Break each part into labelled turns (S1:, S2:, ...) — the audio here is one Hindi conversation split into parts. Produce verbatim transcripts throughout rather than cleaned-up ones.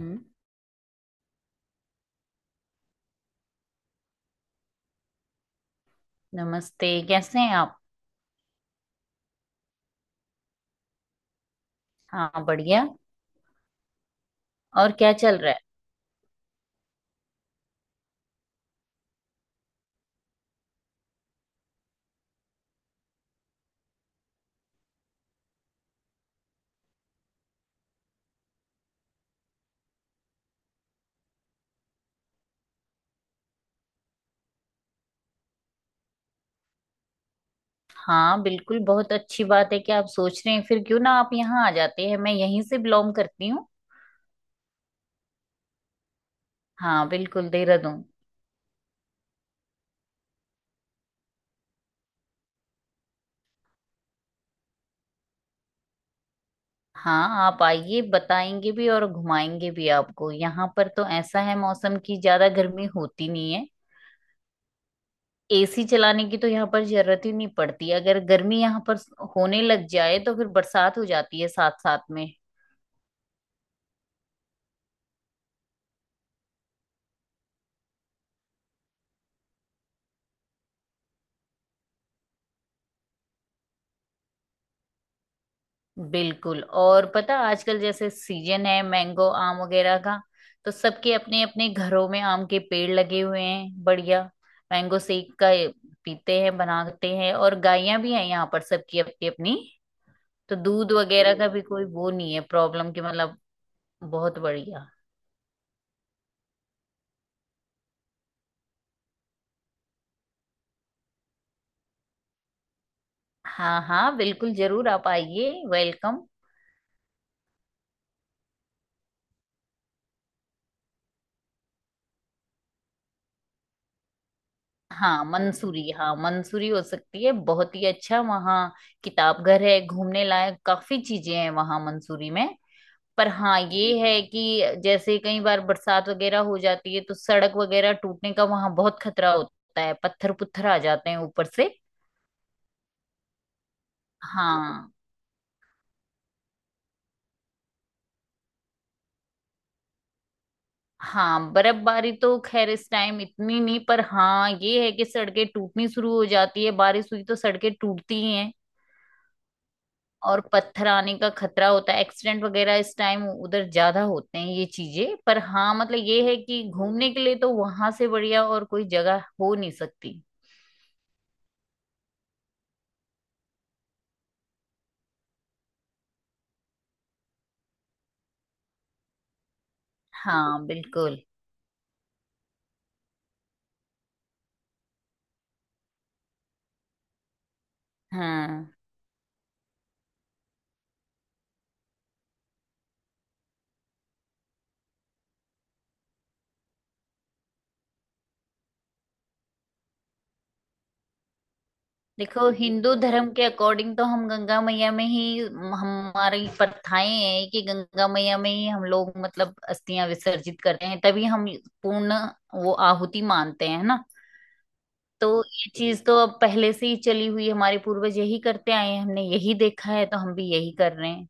S1: हम्म, नमस्ते। कैसे हैं आप। हाँ बढ़िया। और क्या चल रहा है। हाँ बिल्कुल, बहुत अच्छी बात है कि आप सोच रहे हैं। फिर क्यों ना आप यहाँ आ जाते हैं, मैं यहीं से बिलोंग करती हूँ। हाँ बिल्कुल, देहरादून। हाँ आप आइए, बताएंगे भी और घुमाएंगे भी आपको। यहाँ पर तो ऐसा है, मौसम की ज्यादा गर्मी होती नहीं है। एसी चलाने की तो यहाँ पर जरूरत ही नहीं पड़ती। अगर गर्मी यहाँ पर होने लग जाए तो फिर बरसात हो जाती है साथ साथ में। बिल्कुल। और पता, आजकल जैसे सीजन है मैंगो आम वगैरह का, तो सबके अपने अपने घरों में आम के पेड़ लगे हुए हैं। बढ़िया मैंगो शेक का ये पीते हैं, बनाते हैं। और गायें भी हैं यहाँ पर सबकी अपनी अपनी, तो दूध वगैरह का भी कोई वो नहीं है प्रॉब्लम की, मतलब बहुत बढ़िया। हाँ हाँ बिल्कुल, जरूर आप आइए, वेलकम। हाँ मंसूरी, हाँ मंसूरी हो सकती है, बहुत ही अच्छा वहाँ किताब घर है, घूमने लायक काफी चीजें हैं वहाँ मंसूरी में। पर हाँ ये है कि जैसे कई बार बरसात वगैरह हो जाती है तो सड़क वगैरह टूटने का वहां बहुत खतरा होता है, पत्थर पुत्थर आ जाते हैं ऊपर से। हाँ। हाँ बर्फबारी तो खैर इस टाइम इतनी नहीं, पर हाँ ये है कि सड़कें टूटनी शुरू हो जाती है, बारिश हुई तो सड़कें टूटती ही हैं। और पत्थर आने का खतरा होता है, एक्सीडेंट वगैरह इस टाइम उधर ज्यादा होते हैं ये चीजें। पर हाँ मतलब ये है कि घूमने के लिए तो वहां से बढ़िया और कोई जगह हो नहीं सकती। हाँ बिल्कुल। हाँ देखो, हिंदू धर्म के अकॉर्डिंग तो हम गंगा मैया में ही, हमारी प्रथाएं हैं कि गंगा मैया में ही हम लोग मतलब अस्थियां विसर्जित करते हैं, तभी हम पूर्ण वो आहुति मानते हैं ना। तो ये चीज तो अब पहले से ही चली हुई है, हमारे पूर्वज यही करते आए हैं, हमने यही देखा है तो हम भी यही कर रहे हैं।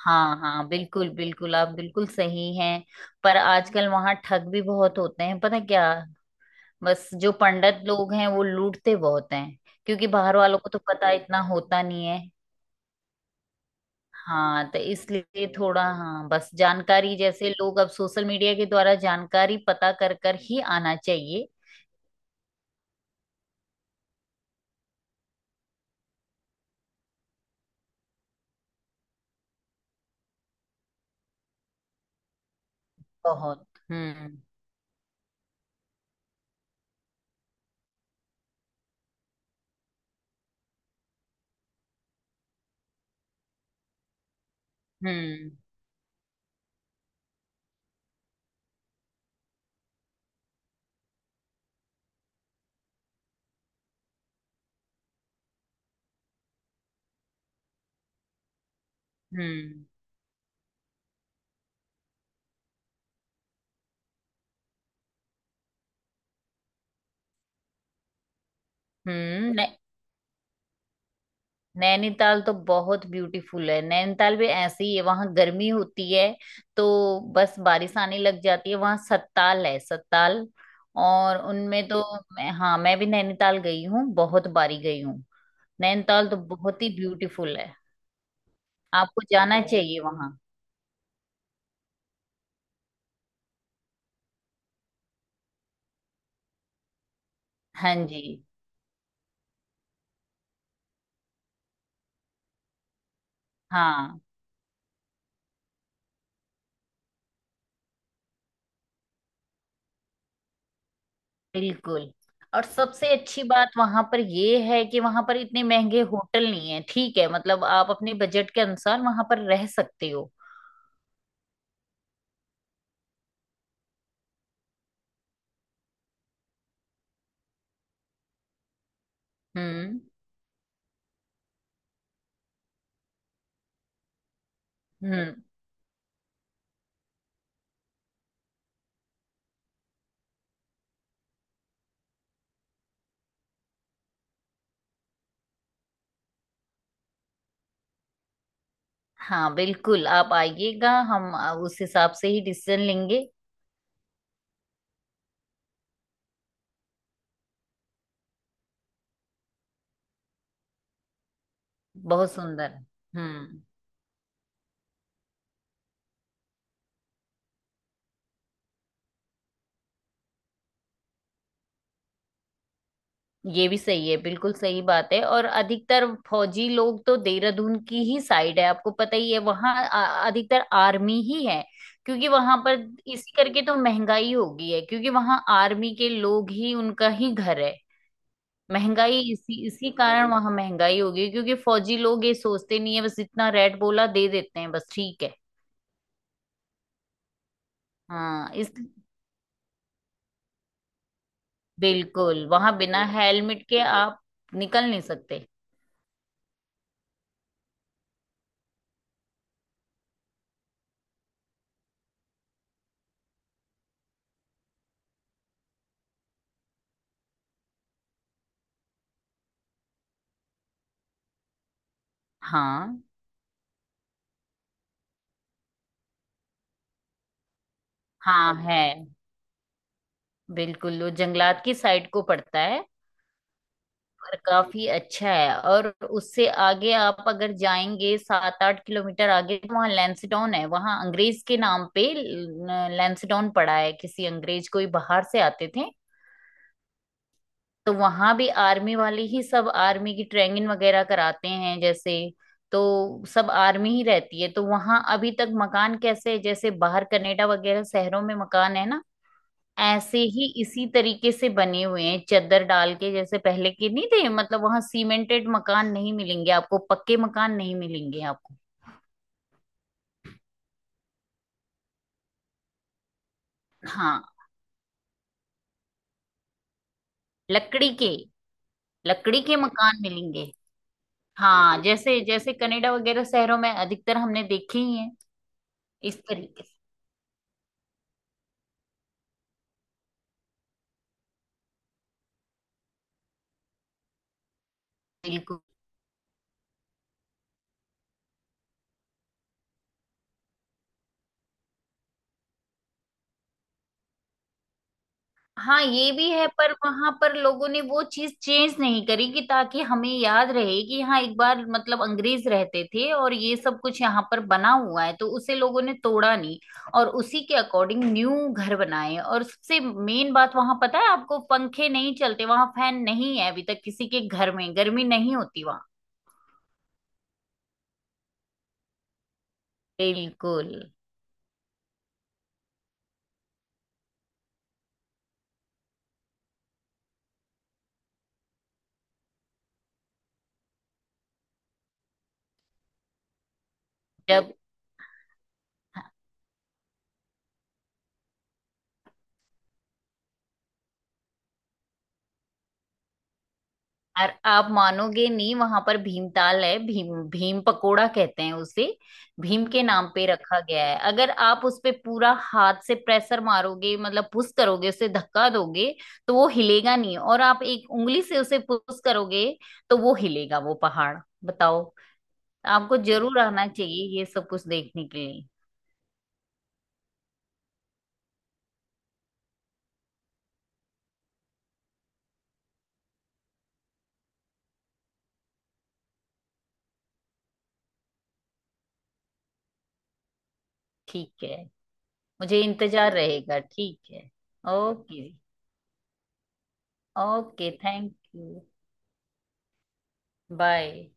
S1: हाँ हाँ बिल्कुल, बिल्कुल आप बिल्कुल सही हैं। पर आजकल वहां ठग भी बहुत होते हैं, पता क्या। बस जो पंडित लोग हैं वो लूटते बहुत हैं, क्योंकि बाहर वालों को तो पता इतना होता नहीं है। हाँ तो इसलिए थोड़ा, हाँ बस जानकारी जैसे लोग अब सोशल मीडिया के द्वारा जानकारी पता कर कर ही आना चाहिए। बहुत। हम्म। हम्म। हम्म। हम्म। नहीं, नैनीताल तो बहुत ब्यूटीफुल है। नैनीताल भी ऐसे ही है, वहां गर्मी होती है तो बस बारिश आने लग जाती है। वहां सत्ताल है, सत्ताल। और उनमें तो मैं, हाँ मैं भी नैनीताल गई हूँ, बहुत बारी गई हूँ। नैनीताल तो बहुत ही ब्यूटीफुल है, आपको जाना चाहिए वहां। हाँ जी। हाँ बिल्कुल। और सबसे अच्छी बात वहां पर ये है कि वहां पर इतने महंगे होटल नहीं है, ठीक है, मतलब आप अपने बजट के अनुसार वहां पर रह सकते हो। हम्म। हम्म। हाँ बिल्कुल आप आइएगा, हम आ, उस हिसाब से ही डिसीजन लेंगे। बहुत सुंदर। हम्म, ये भी सही है, बिल्कुल सही बात है। और अधिकतर फौजी लोग तो देहरादून की ही साइड है, आपको पता ही है वहाँ आ- अधिकतर आर्मी ही है। क्योंकि वहां पर इसी करके तो महंगाई हो गई है, क्योंकि वहां आर्मी के लोग ही, उनका ही घर है। महंगाई इसी इसी कारण वहां महंगाई हो गई, क्योंकि फौजी लोग ये सोचते नहीं है, बस इतना रेट बोला दे देते हैं, बस ठीक है। हाँ इस बिल्कुल, वहां बिना हेलमेट के आप निकल नहीं सकते। हाँ। हाँ है, बिल्कुल वो जंगलात की साइड को पड़ता है। और काफी अच्छा है। और उससे आगे आप अगर जाएंगे सात आठ किलोमीटर आगे तो वहाँ लैंसडाउन है। वहाँ अंग्रेज के नाम पे ल- लैंसडाउन पड़ा है, किसी अंग्रेज, कोई बाहर से आते थे। तो वहां भी आर्मी वाले ही, सब आर्मी की ट्रेनिंग वगैरह कराते हैं जैसे। तो सब आर्मी ही रहती है। तो वहां अभी तक मकान कैसे है, जैसे बाहर कनाडा वगैरह शहरों में मकान है ना, ऐसे ही इसी तरीके से बने हुए हैं, चद्दर डाल के, जैसे पहले के, नहीं थे मतलब वहां सीमेंटेड मकान नहीं मिलेंगे आपको, पक्के मकान नहीं मिलेंगे आपको। हाँ लकड़ी के, लकड़ी के मकान मिलेंगे। हाँ जैसे जैसे कनाडा वगैरह शहरों में अधिकतर हमने देखे ही हैं इस तरीके से। बिल्कुल। हाँ ये भी है, पर वहां पर लोगों ने वो चीज चेंज नहीं करी कि ताकि हमें याद रहे कि हाँ एक बार मतलब अंग्रेज रहते थे और ये सब कुछ यहाँ पर बना हुआ है, तो उसे लोगों ने तोड़ा नहीं। और उसी के अकॉर्डिंग न्यू घर बनाए। और सबसे मेन बात वहां, पता है आपको, पंखे नहीं चलते वहां, फैन नहीं है अभी तक किसी के घर में, गर्मी नहीं होती वहां। बिल्कुल। जब और आप मानोगे नहीं, वहां पर भीमताल है, भीम भीम पकोड़ा कहते हैं उसे, भीम के नाम पे रखा गया है। अगर आप उस पे पूरा हाथ से प्रेशर मारोगे, मतलब पुश करोगे, उसे धक्का दोगे तो वो हिलेगा नहीं। और आप एक उंगली से उसे पुश करोगे तो वो हिलेगा, वो पहाड़, बताओ। आपको जरूर आना चाहिए ये सब कुछ देखने के लिए। ठीक है, मुझे इंतजार रहेगा, ठीक है। Okay. Okay, thank you. Bye.